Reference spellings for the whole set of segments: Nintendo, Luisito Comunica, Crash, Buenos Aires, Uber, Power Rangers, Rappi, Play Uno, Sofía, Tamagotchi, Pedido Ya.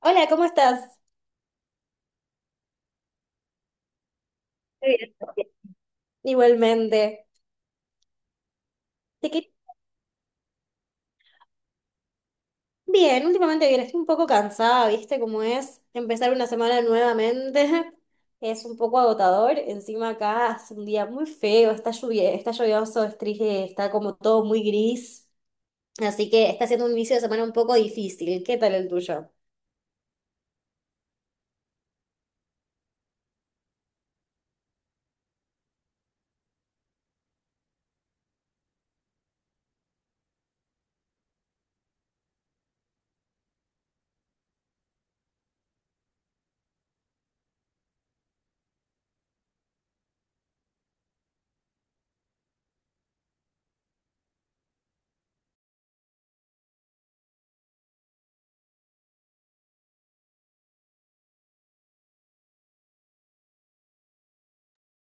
Hola, ¿cómo estás? Muy bien, Sofía. Igualmente. Te que- Bien, últimamente bien, estoy un poco cansada, ¿viste cómo es? Empezar una semana nuevamente es un poco agotador. Encima acá hace un día muy feo, está lluvia, está lluvioso, es triste, está como todo muy gris. Así que está siendo un inicio de semana un poco difícil. ¿Qué tal el tuyo?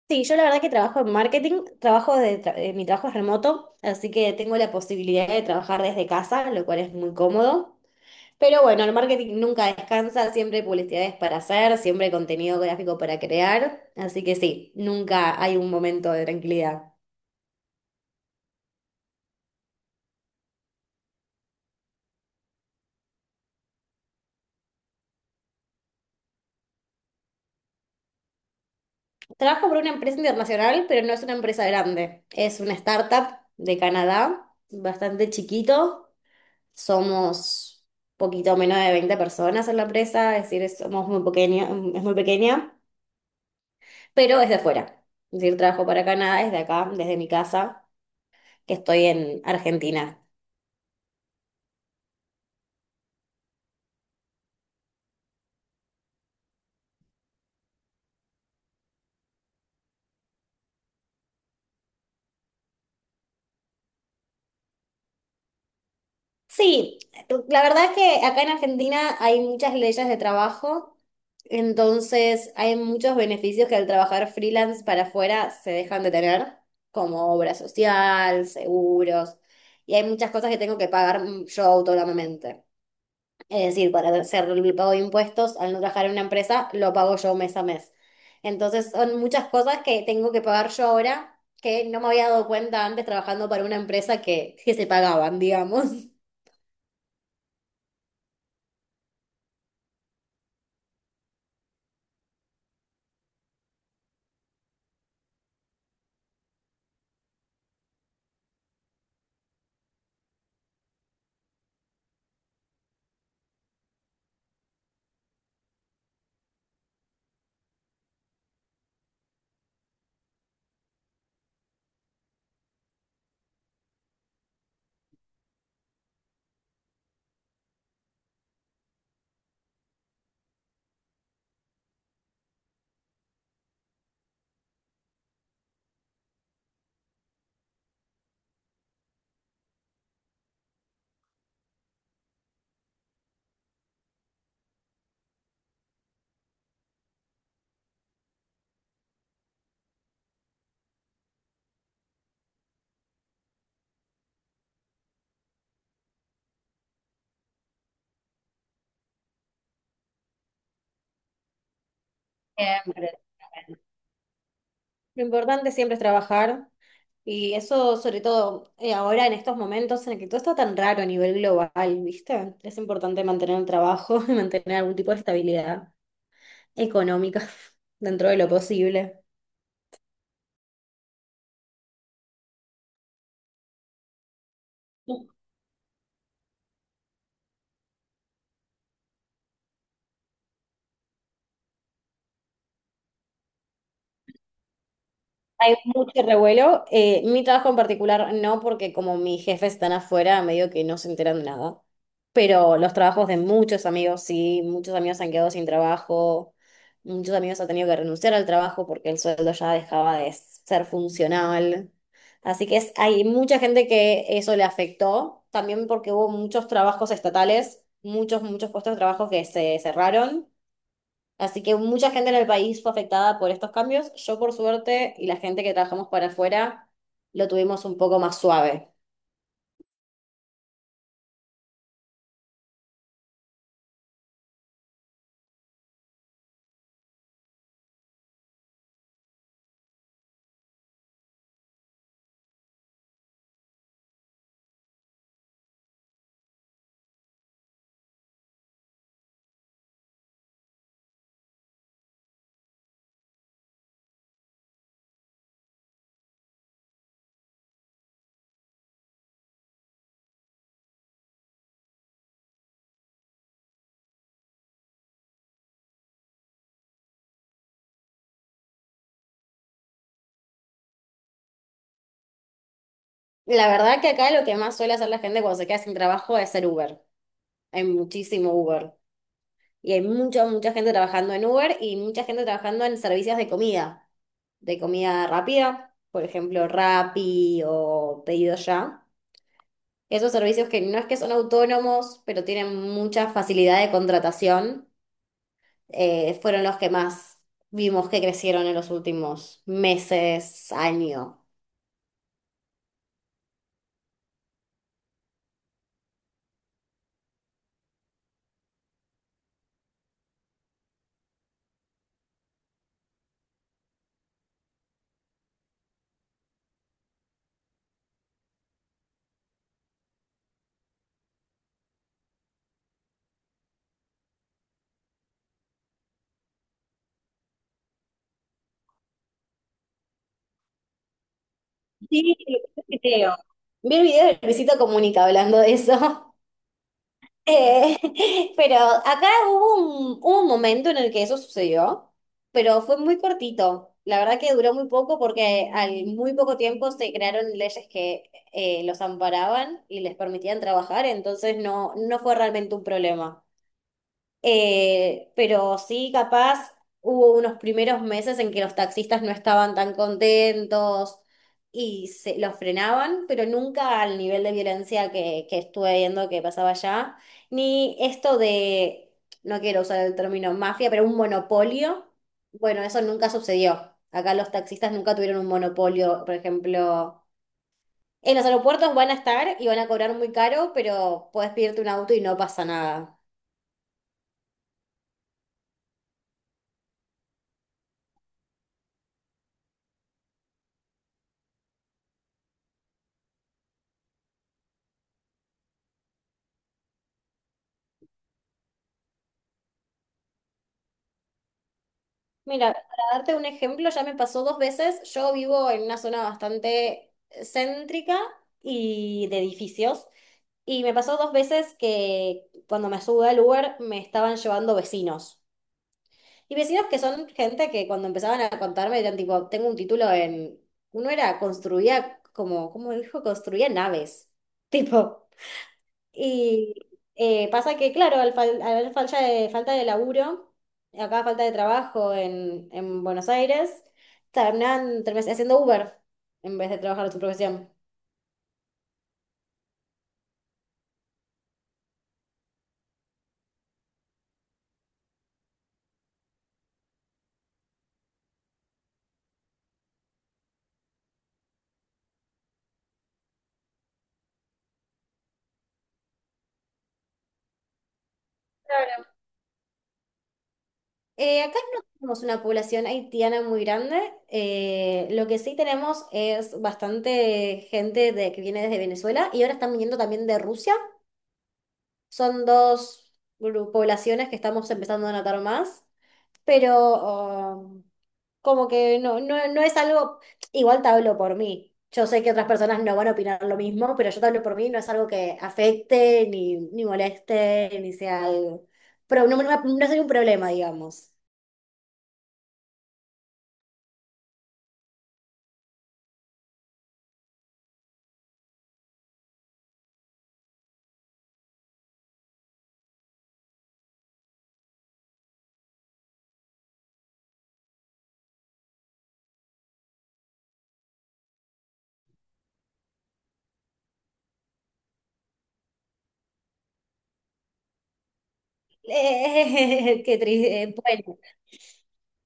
Sí, yo la verdad que trabajo en marketing, mi trabajo es remoto, así que tengo la posibilidad de trabajar desde casa, lo cual es muy cómodo. Pero bueno, el marketing nunca descansa, siempre hay publicidades para hacer, siempre hay contenido gráfico para crear, así que sí, nunca hay un momento de tranquilidad. Trabajo por una empresa internacional, pero no es una empresa grande, es una startup de Canadá, bastante chiquito, somos poquito menos de 20 personas en la empresa, es decir, somos muy pequeña, es muy pequeña, pero es de fuera, es decir, trabajo para Canadá desde acá, desde mi casa, que estoy en Argentina. Sí, la verdad es que acá en Argentina hay muchas leyes de trabajo, entonces hay muchos beneficios que al trabajar freelance para afuera se dejan de tener, como obra social, seguros, y hay muchas cosas que tengo que pagar yo autónomamente. Es decir, para hacer el pago de impuestos, al no trabajar en una empresa, lo pago yo mes a mes. Entonces son muchas cosas que tengo que pagar yo ahora, que no me había dado cuenta antes trabajando para una empresa que se pagaban, digamos. Siempre. Lo importante siempre es trabajar y eso sobre todo ahora en estos momentos en el que todo está tan raro a nivel global, ¿viste? Es importante mantener el trabajo y mantener algún tipo de estabilidad económica dentro de lo posible. Hay mucho revuelo. Mi trabajo en particular no, porque como mis jefes están afuera, medio que no se enteran de nada. Pero los trabajos de muchos amigos, sí, muchos amigos han quedado sin trabajo, muchos amigos han tenido que renunciar al trabajo porque el sueldo ya dejaba de ser funcional. Así que hay mucha gente que eso le afectó, también porque hubo muchos trabajos estatales, muchos, muchos puestos de trabajo que se cerraron. Así que mucha gente en el país fue afectada por estos cambios. Yo, por suerte, y la gente que trabajamos para afuera, lo tuvimos un poco más suave. La verdad que acá lo que más suele hacer la gente cuando se queda sin trabajo es ser Uber. Hay muchísimo Uber. Y hay mucha, mucha gente trabajando en Uber y mucha gente trabajando en servicios de comida rápida, por ejemplo, Rappi o Pedido Ya. Esos servicios que no es que son autónomos, pero tienen mucha facilidad de contratación, fueron los que más vimos que crecieron en los últimos meses, año. Sí, lo que pasa creo. Vi el video de Luisito Comunica hablando de eso. Eh, pero acá hubo un momento en el que eso sucedió, pero fue muy cortito. La verdad que duró muy poco porque al muy poco tiempo se crearon leyes que los amparaban y les permitían trabajar, entonces no, no fue realmente un problema. Pero sí, capaz hubo unos primeros meses en que los taxistas no estaban tan contentos y se los frenaban, pero nunca al nivel de violencia que estuve viendo que pasaba allá, ni esto de, no quiero usar el término mafia, pero un monopolio. Bueno, eso nunca sucedió. Acá los taxistas nunca tuvieron un monopolio, por ejemplo. En los aeropuertos van a estar y van a cobrar muy caro, pero puedes pedirte un auto y no pasa nada. Mira, para darte un ejemplo, ya me pasó dos veces. Yo vivo en una zona bastante céntrica y de edificios. Y me pasó dos veces que cuando me subí al Uber me estaban llevando vecinos. Y vecinos que son gente que cuando empezaban a contarme eran tipo, tengo un título en... Uno era, construía como, ¿cómo dijo? Construía naves. Tipo, y pasa que, claro, al haber falta de laburo, acá falta de trabajo en Buenos Aires, terminan haciendo Uber en vez de trabajar su profesión. Claro. Acá no tenemos una población haitiana muy grande. Eh, lo que sí tenemos es bastante gente de, que viene desde Venezuela y ahora están viniendo también de Rusia. Son dos poblaciones que estamos empezando a notar más. Pero como que no, no, no es algo, igual te hablo por mí. Yo sé que otras personas no van a opinar lo mismo, pero yo te hablo por mí, no es algo que afecte, ni moleste, ni sea algo. Pero no, no, no sería un problema, digamos. Qué triste. Bueno.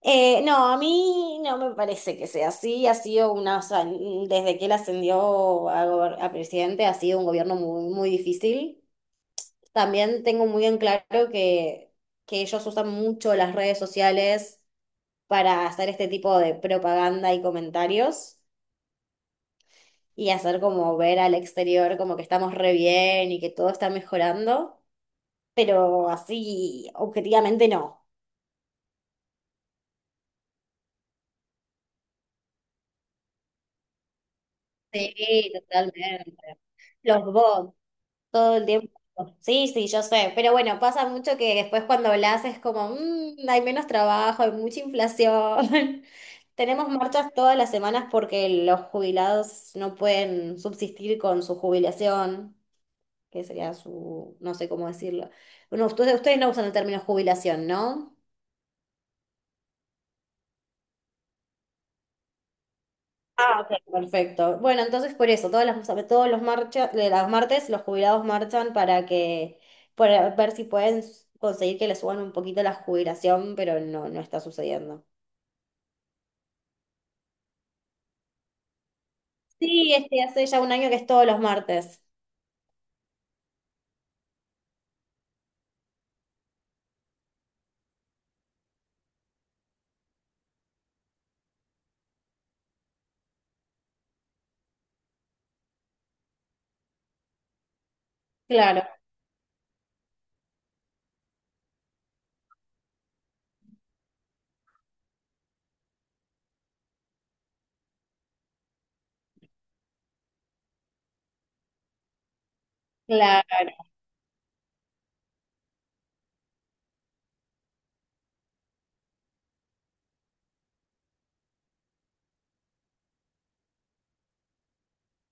No, a mí no me parece que sea así. Ha sido una, o sea, desde que él ascendió a presidente, ha sido un gobierno muy, muy difícil. También tengo muy en claro que, que ellos usan mucho las redes sociales para hacer este tipo de propaganda y comentarios y hacer como ver al exterior como que estamos re bien y que todo está mejorando, pero así objetivamente no. Sí, totalmente. Los bots, todo el tiempo. Sí, sí, yo sé, pero bueno, pasa mucho que después cuando hablas es como, "Mm, hay menos trabajo, hay mucha inflación". Tenemos marchas todas las semanas porque los jubilados no pueden subsistir con su jubilación. Que sería su, no sé cómo decirlo. Bueno, ustedes no usan el término jubilación, ¿no? Ah, ok. Perfecto. Bueno, entonces por eso, todos los marcha, de las martes los jubilados marchan para que, para ver si pueden conseguir que les suban un poquito la jubilación, pero no, no está sucediendo. Sí, este hace ya un año que es todos los martes. Claro, claro,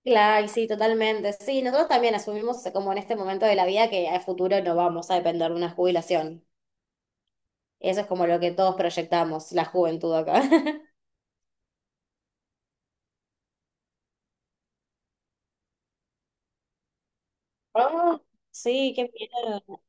claro, y sí, totalmente. Sí, nosotros también asumimos como en este momento de la vida que a futuro no vamos a depender de una jubilación. Eso es como lo que todos proyectamos, la juventud acá. Ah, sí, qué miedo.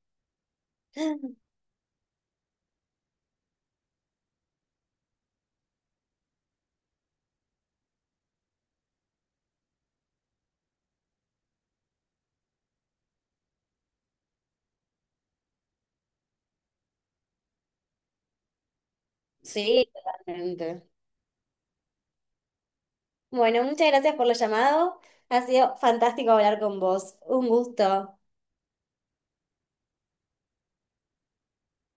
Sí, totalmente. Bueno, muchas gracias por lo llamado. Ha sido fantástico hablar con vos. Un gusto.